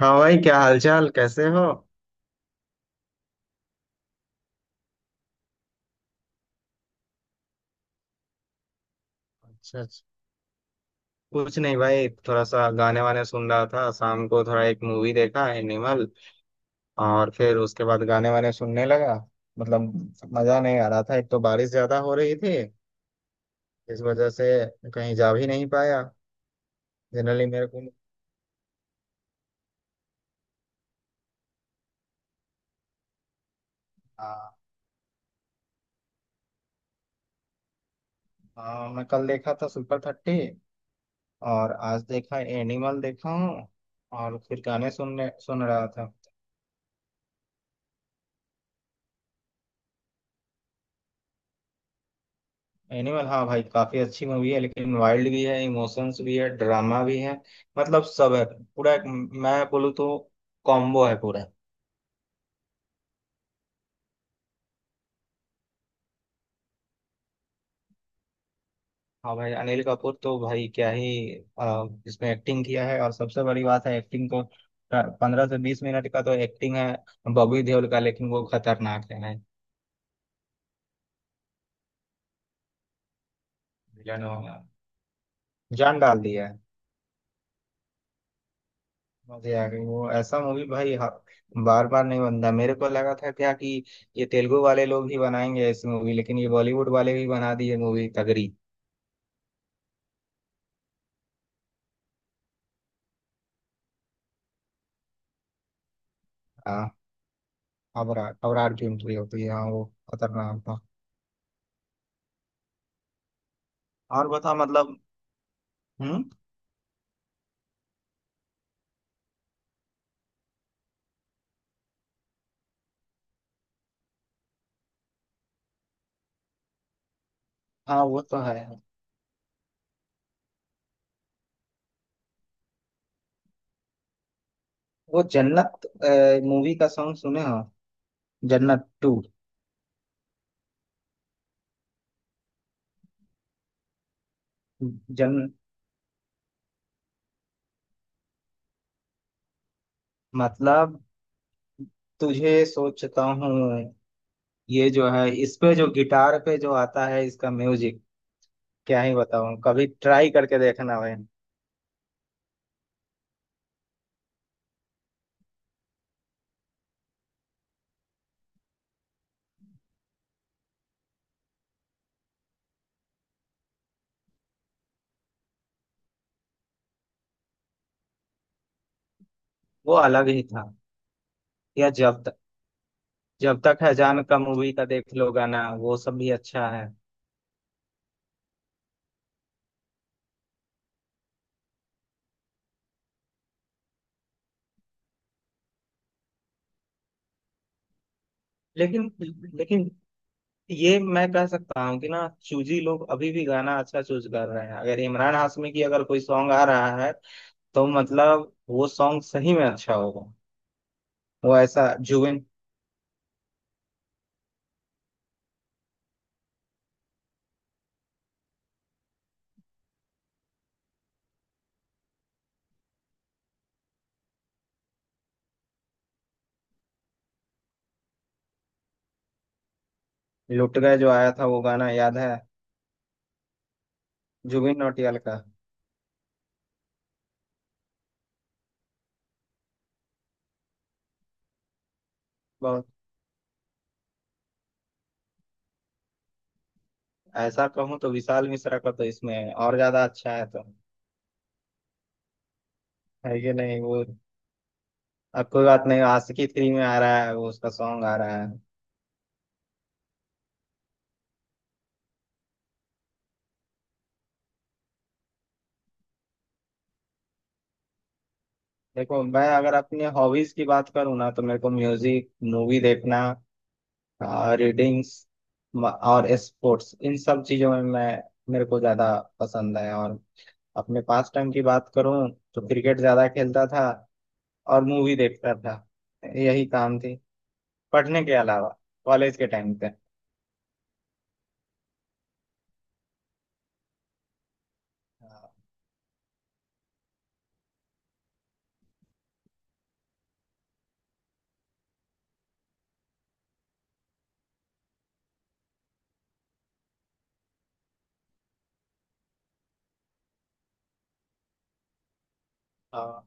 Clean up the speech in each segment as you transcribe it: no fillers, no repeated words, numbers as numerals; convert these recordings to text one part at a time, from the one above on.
हाँ भाई, क्या हालचाल, कैसे हो। अच्छा अच्छा। कुछ नहीं भाई, थोड़ा सा गाने वाने सुन रहा था। शाम को थोड़ा एक मूवी देखा एनिमल। और फिर उसके बाद गाने वाने सुनने लगा। मतलब मजा नहीं आ रहा था, एक तो बारिश ज्यादा हो रही थी इस वजह से कहीं जा भी नहीं पाया। जनरली मेरे को। हाँ। हाँ, मैं कल देखा था सुपर 30। और आज देखा एनिमल देखा हूँ। और फिर गाने सुन रहा था। एनिमल हाँ भाई, काफी अच्छी मूवी है, लेकिन वाइल्ड भी है, इमोशंस भी है, ड्रामा भी है। मतलब सब है। पूरा एक मैं बोलूँ तो कॉम्बो है पूरा। हाँ भाई, अनिल कपूर तो भाई क्या ही। इसमें एक्टिंग किया है, और सबसे बड़ी बात है एक्टिंग तो 15 से 20 मिनट का तो एक्टिंग है बॉबी देओल का, लेकिन वो खतरनाक है भाई। विलन हो गया। जान डाल दिया है। मजे आ गए। वो ऐसा मूवी भाई, हाँ, बार बार नहीं बनता। मेरे को लगा था क्या कि ये तेलुगु वाले लोग ही बनाएंगे ऐसी मूवी, लेकिन ये बॉलीवुड वाले भी बना दिए मूवी तगड़ी। हाँ। अबरार अबरार की एंट्री होती है, हाँ वो खतरनाक था। और बता मतलब। हम्म। हाँ वो तो है। वो जन्नत मूवी का सॉन्ग सुने हो, जन्नत 2। जन मतलब तुझे सोचता हूँ। ये जो है, इस पे जो गिटार पे जो आता है इसका म्यूजिक क्या ही बताऊं। कभी ट्राई करके देखना भाई। वो अलग ही था। या जब तक। जब तक है जान का मूवी का देख लो, गाना वो सब भी अच्छा है। लेकिन लेकिन ये मैं कह सकता हूँ कि ना चूजी लोग अभी भी गाना अच्छा चूज कर रहे हैं। अगर इमरान हाशमी की अगर कोई सॉन्ग आ रहा है तो मतलब वो सॉन्ग सही में अच्छा होगा। वो ऐसा जुबिन लुट गए जो आया था वो गाना याद है, जुबिन नौटियाल का। बहुत ऐसा कहूँ तो विशाल मिश्रा का तो इसमें और ज्यादा अच्छा है, तो है कि नहीं वो। अब कोई बात नहीं, आशिकी 3 में आ रहा है वो, उसका सॉन्ग आ रहा है। देखो, मैं अगर अपने हॉबीज की बात करूँ ना तो मेरे को म्यूजिक, मूवी देखना, रीडिंग्स और स्पोर्ट्स, इन सब चीजों में मैं, मेरे को ज्यादा पसंद है। और अपने पास टाइम की बात करूँ तो क्रिकेट ज्यादा खेलता था और मूवी देखता था। यही काम थी पढ़ने के अलावा कॉलेज के टाइम पे। हाँ,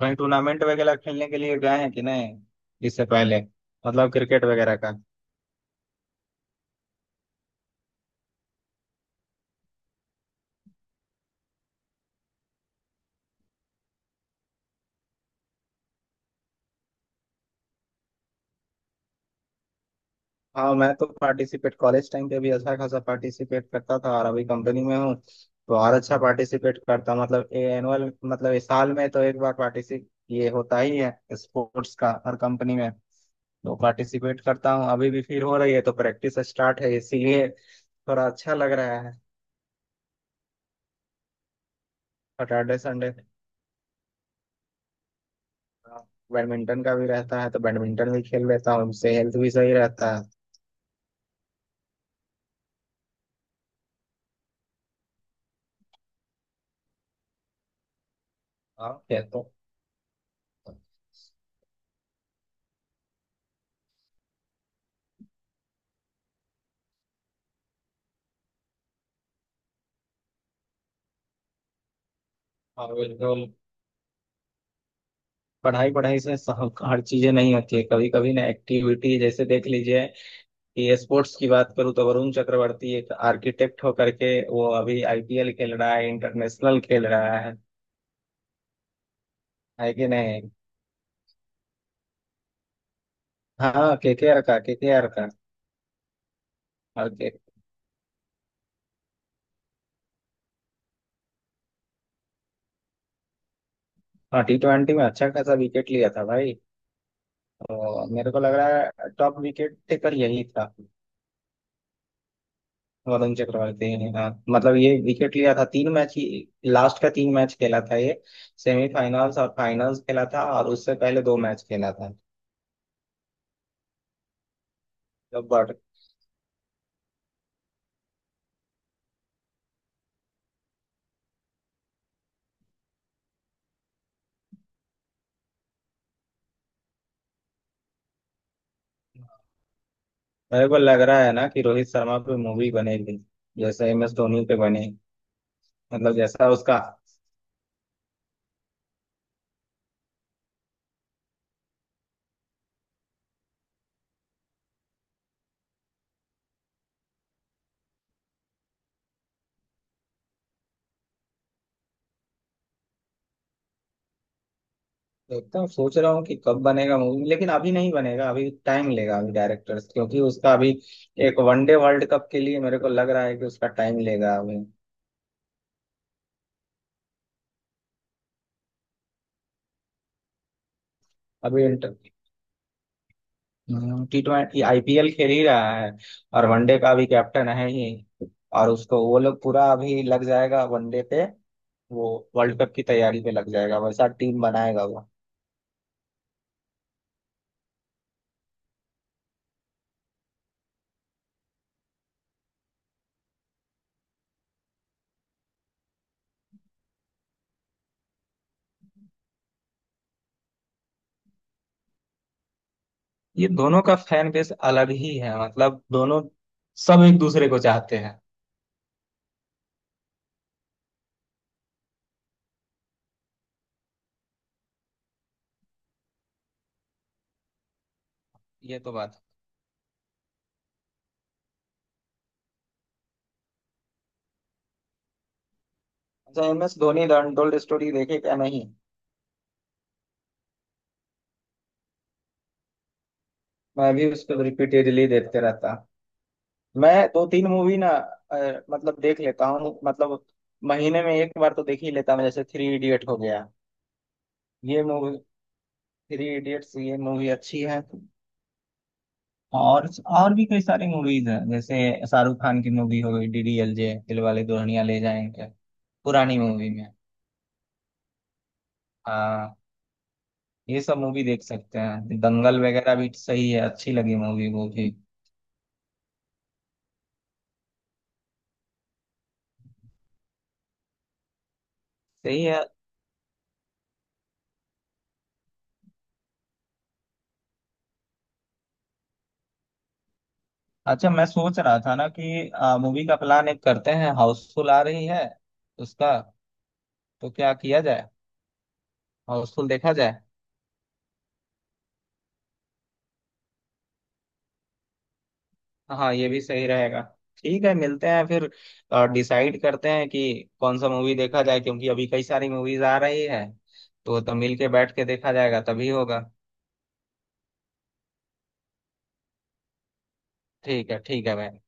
कहीं टूर्नामेंट वगैरह खेलने के लिए गए हैं कि नहीं इससे पहले, मतलब क्रिकेट वगैरह। हाँ मैं तो पार्टिसिपेट कॉलेज टाइम पे भी अच्छा खासा पार्टिसिपेट करता था, और अभी कंपनी में हूँ तो और अच्छा पार्टिसिपेट करता, मतलब एनुअल, मतलब इस साल में तो एक बार पार्टिसिपेट ये होता ही है स्पोर्ट्स का हर कंपनी में। तो पार्टिसिपेट करता हूँ अभी भी, फिर हो रही है तो प्रैक्टिस स्टार्ट है, इसीलिए थोड़ा अच्छा लग रहा है। सैटरडे संडे बैडमिंटन का भी रहता है तो बैडमिंटन भी खेल लेता हूँ, उससे हेल्थ भी सही रहता है। हाँ खेलता हूँ। हाँ बिल्कुल। पढ़ाई पढ़ाई से हर चीजें नहीं होती है। कभी कभी ना एक्टिविटी जैसे देख लीजिए कि स्पोर्ट्स की बात करूँ तो वरुण चक्रवर्ती एक आर्किटेक्ट होकर के वो अभी आईपीएल खेल रहा है, इंटरनेशनल खेल रहा है कि नहीं। हाँ केकेआर का, और के हाँ T20 में अच्छा खासा विकेट लिया था भाई। तो मेरे को लग रहा है टॉप विकेट टेकर यही था, वरुण चक्रवर्ती ने, हाँ मतलब ये विकेट लिया था तीन मैच ही, लास्ट का तीन मैच खेला था ये। सेमीफाइनल्स और फाइनल्स खेला था और उससे पहले दो मैच खेला था। तो बट मेरे को लग रहा है ना कि रोहित शर्मा पे मूवी बनेगी जैसे MS धोनी पे बने। मतलब जैसा उसका। देखता हूँ, सोच रहा हूँ कि कब बनेगा मूवी, लेकिन अभी नहीं बनेगा, अभी टाइम लेगा, अभी डायरेक्टर्स, क्योंकि उसका अभी एक वनडे वर्ल्ड कप के लिए मेरे को लग रहा है कि उसका टाइम लेगा अभी। अभी इंटर T20 आईपीएल खेल ही रहा है, और वनडे का भी कैप्टन है ही, और उसको वो लोग पूरा अभी लग जाएगा वनडे पे, वो वर्ल्ड कप की तैयारी पे लग जाएगा, वैसा टीम बनाएगा वो। ये दोनों का फैन बेस अलग ही है, मतलब दोनों, सब एक दूसरे को चाहते हैं। ये तो बात है। अच्छा MS Dhoni the untold story देखे क्या नहीं। मैं भी उसको रिपीटेडली देखते रहता। मैं दो तीन मूवी ना, मतलब देख लेता हूँ, मतलब महीने में एक बार तो देख ही लेता मैं। जैसे 3 इडियट हो गया ये, 3 इडियट्स ये मूवी अच्छी है। और भी कई सारी मूवीज हैं, जैसे शाहरुख खान की मूवी हो गई डीडीएलजे, दिल वाले दुल्हनिया ले जाएंगे। पुरानी मूवी में हाँ, ये सब मूवी देख सकते हैं, दंगल वगैरह भी सही है, अच्छी लगी मूवी वो भी। सही है। अच्छा, मैं सोच रहा था ना कि मूवी का प्लान एक करते हैं, हाउसफुल आ रही है उसका, तो क्या किया जाए, हाउसफुल देखा जाए। हाँ ये भी सही रहेगा। ठीक है मिलते हैं फिर, डिसाइड करते हैं कि कौन सा मूवी देखा जाए, क्योंकि अभी कई सारी मूवीज आ रही है तो मिल के बैठ के देखा जाएगा तभी होगा। ठीक है, ठीक है भाई।